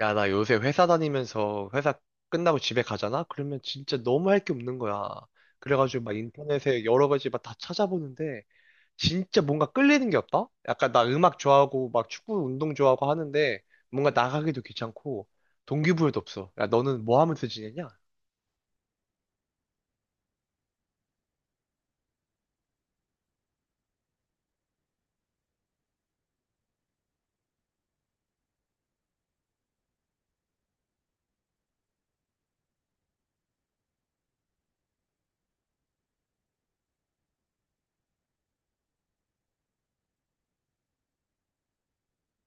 야, 나 요새 회사 다니면서 회사 끝나고 집에 가잖아? 그러면 진짜 너무 할 게 없는 거야. 그래가지고 막 인터넷에 여러 가지 막 다 찾아보는데 진짜 뭔가 끌리는 게 없다? 약간 나 음악 좋아하고 막 축구 운동 좋아하고 하는데 뭔가 나가기도 귀찮고 동기부여도 없어. 야, 너는 뭐 하면서 지내냐?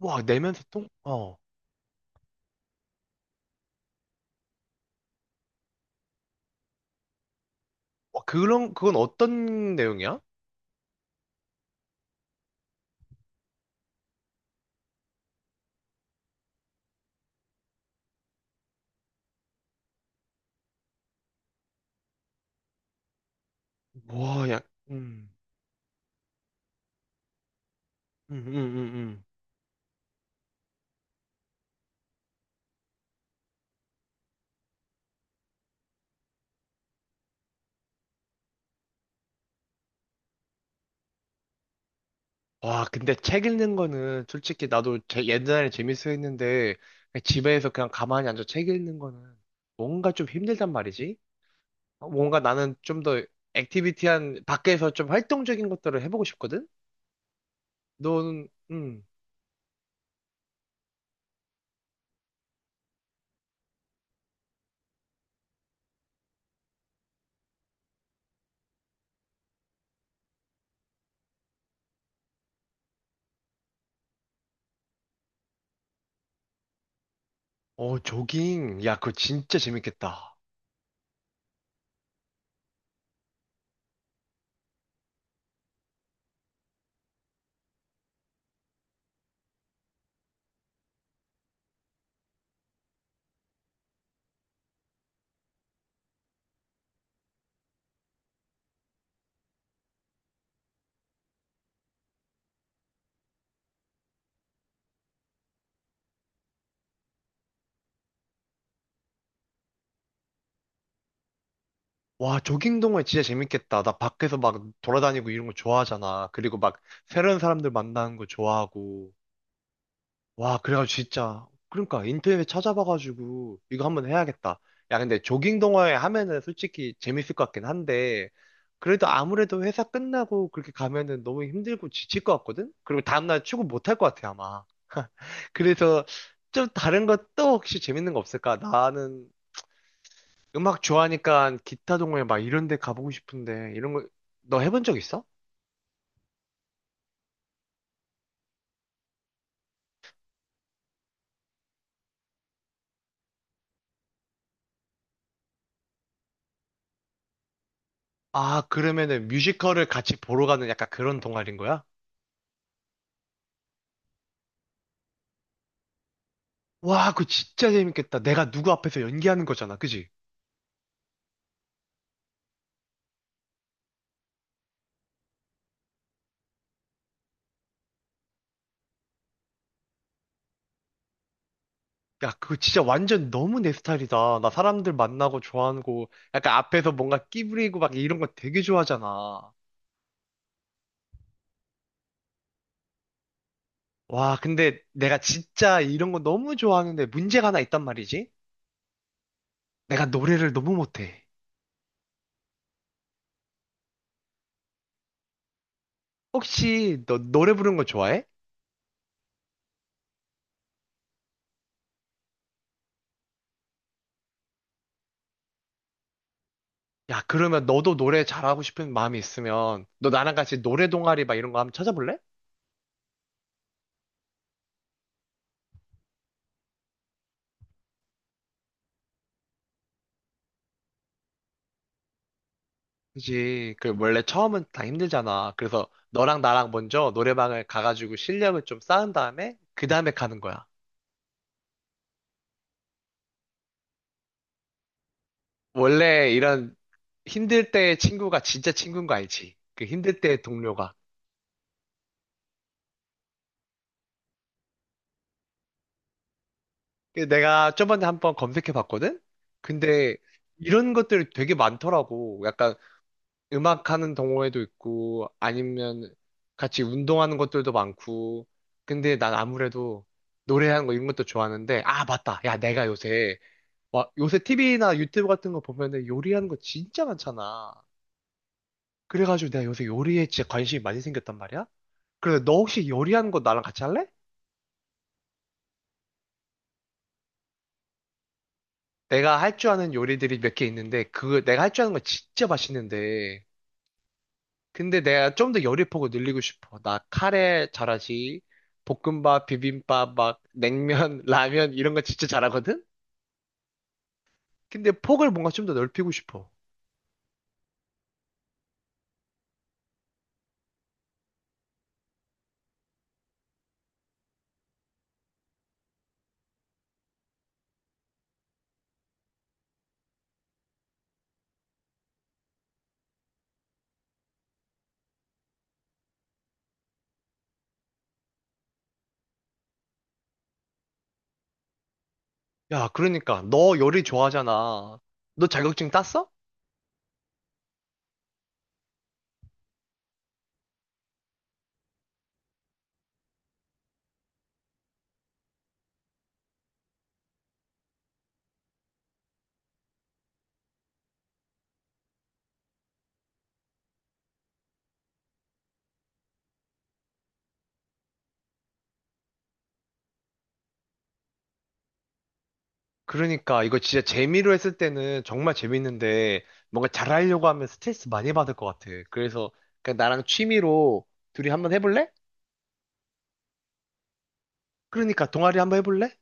와, 내면 소통? 어. 와, 그건 어떤 내용이야? 와, 야, 음, 음, 음, 음, 음. 와, 근데 책 읽는 거는 솔직히 나도 옛날에 재밌어 했는데 그냥 집에서 그냥 가만히 앉아 책 읽는 거는 뭔가 좀 힘들단 말이지? 어, 뭔가 나는 좀 더 액티비티한 밖에서 좀 활동적인 것들을 해보고 싶거든? 너는 어, 조깅. 야, 그거 진짜 재밌겠다. 와, 조깅 동호회 진짜 재밌겠다. 나 밖에서 막 돌아다니고 이런 거 좋아하잖아. 그리고 막 새로운 사람들 만나는 거 좋아하고. 와, 그래가지고 진짜. 그러니까 인터넷에 찾아봐가지고 이거 한번 해야겠다. 야, 근데 조깅 동호회 하면은 솔직히 재밌을 것 같긴 한데, 그래도 아무래도 회사 끝나고 그렇게 가면은 너무 힘들고 지칠 것 같거든? 그리고 다음날 출근 못 할 것 같아, 아마. 그래서 좀 다른 것도 혹시 재밌는 거 없을까? 나는 음악 좋아하니까 기타 동호회 막 이런 데 가보고 싶은데, 이런 거, 너 해본 적 있어? 아, 그러면은 뮤지컬을 같이 보러 가는 약간 그런 동아리인 거야? 와, 그거 진짜 재밌겠다. 내가 누구 앞에서 연기하는 거잖아. 그지? 야, 그거 진짜 완전 너무 내 스타일이다. 나 사람들 만나고 좋아하는 거, 약간 앞에서 뭔가 끼부리고 막 이런 거 되게 좋아하잖아. 와, 근데 내가 진짜 이런 거 너무 좋아하는데 문제가 하나 있단 말이지? 내가 노래를 너무 못해. 혹시 너 노래 부르는 거 좋아해? 야, 그러면 너도 노래 잘하고 싶은 마음이 있으면 너 나랑 같이 노래 동아리 막 이런 거 한번 찾아볼래? 그지. 그 원래 처음은 다 힘들잖아. 그래서 너랑 나랑 먼저 노래방을 가가지고 실력을 좀 쌓은 다음에 그 다음에 가는 거야. 원래 이런 힘들 때의 친구가 진짜 친구인 거 알지? 그 힘들 때의 동료가. 근데 내가 저번에 한번 검색해 봤거든? 근데 이런 것들이 되게 많더라고. 약간 음악하는 동호회도 있고 아니면 같이 운동하는 것들도 많고. 근데 난 아무래도 노래하는 거 이런 것도 좋아하는데 아 맞다. 야 내가 요새 와, 요새 TV나 유튜브 같은 거 보면은 요리하는 거 진짜 많잖아. 그래가지고 내가 요새 요리에 진짜 관심이 많이 생겼단 말이야? 그래서 너 혹시 요리하는 거 나랑 같이 할래? 내가 할 줄 아는 요리들이 몇 개 있는데, 그거 내가 할 줄 아는 거 진짜 맛있는데. 근데 내가 좀 더 요리 폭을 늘리고 싶어. 나 카레 잘하지. 볶음밥, 비빔밥, 막 냉면, 라면 이런 거 진짜 잘하거든? 근데 폭을 뭔가 좀 더 넓히고 싶어. 야, 그러니까 너 요리 좋아하잖아. 너 자격증 땄어? 그러니까 이거 진짜 재미로 했을 때는 정말 재밌는데 뭔가 잘하려고 하면 스트레스 많이 받을 것 같아. 그래서 그냥 나랑 취미로 둘이 한번 해볼래? 그러니까 동아리 한번 해볼래?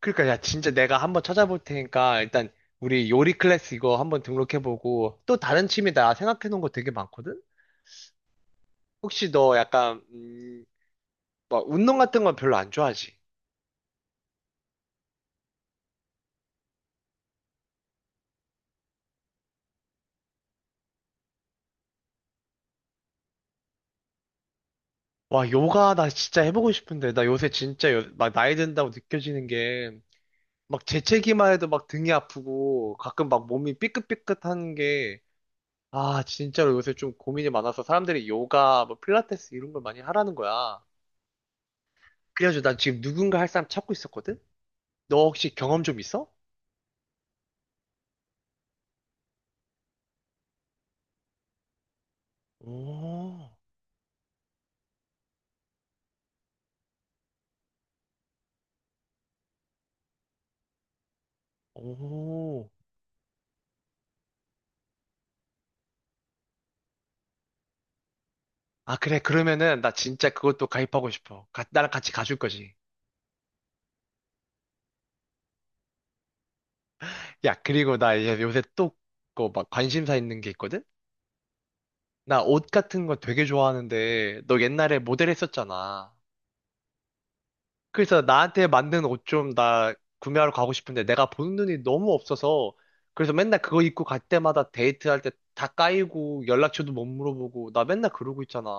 그러니까 야 진짜 내가 한번 찾아볼 테니까 일단 우리 요리 클래스 이거 한번 등록해보고 또 다른 취미 나 생각해놓은 거 되게 많거든? 혹시 너 약간 막 운동 같은 건 별로 안 좋아하지? 와 요가 나 진짜 해보고 싶은데 나 요새 진짜 막 나이 든다고 느껴지는 게 막 재채기만 해도 막 등이 아프고 가끔 막 몸이 삐끗삐끗한 게, 아, 진짜로 요새 좀 고민이 많아서 사람들이 요가, 뭐 필라테스 이런 걸 많이 하라는 거야. 그래가지고 난 지금 누군가 할 사람 찾고 있었거든? 너 혹시 경험 좀 있어? 오, 오. 아, 그래. 그러면은 나 진짜 그것도 가입하고 싶어. 가- 나랑 같이 가줄 거지. 야, 그리고 나 이제 요새 또 그거 막 관심사 있는 게 있거든? 나 옷 같은 거 되게 좋아하는데 너 옛날에 모델 했었잖아. 그래서 나한테 맞는 옷 좀 나 구매하러 가고 싶은데 내가 보는 눈이 너무 없어서 그래서 맨날 그거 입고 갈 때마다 데이트할 때 다 까이고 연락처도 못 물어보고 나 맨날 그러고 있잖아.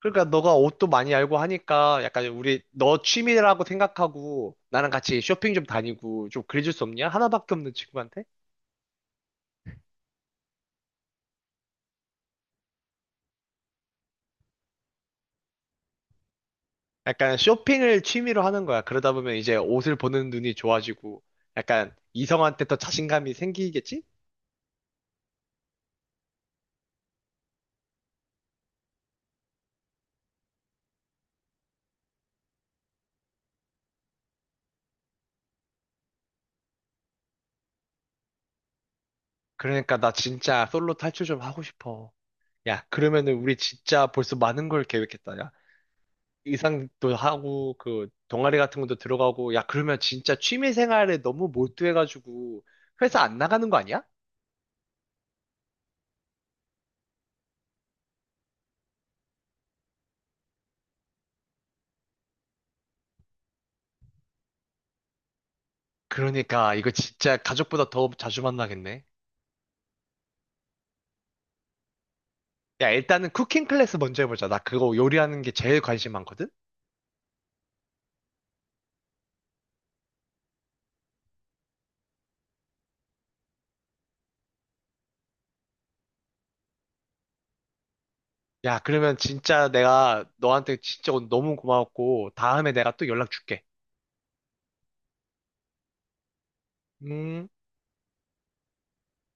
그러니까 너가 옷도 많이 알고 하니까 약간 우리 너 취미라고 생각하고 나랑 같이 쇼핑 좀 다니고 좀 그래줄 수 없냐? 하나밖에 없는 친구한테? 약간 쇼핑을 취미로 하는 거야. 그러다 보면 이제 옷을 보는 눈이 좋아지고 약간 이성한테 더 자신감이 생기겠지? 그러니까 나 진짜 솔로 탈출 좀 하고 싶어. 야, 그러면은 우리 진짜 벌써 많은 걸 계획했다. 야, 의상도 하고, 그, 동아리 같은 것도 들어가고, 야, 그러면 진짜 취미 생활에 너무 몰두해가지고, 회사 안 나가는 거 아니야? 그러니까, 이거 진짜 가족보다 더 자주 만나겠네. 야, 일단은 쿠킹 클래스 먼저 해보자. 나 그거 요리하는 게 제일 관심 많거든? 야, 그러면 진짜 내가 너한테 진짜 오늘 너무 고마웠고, 다음에 내가 또 연락 줄게. 음.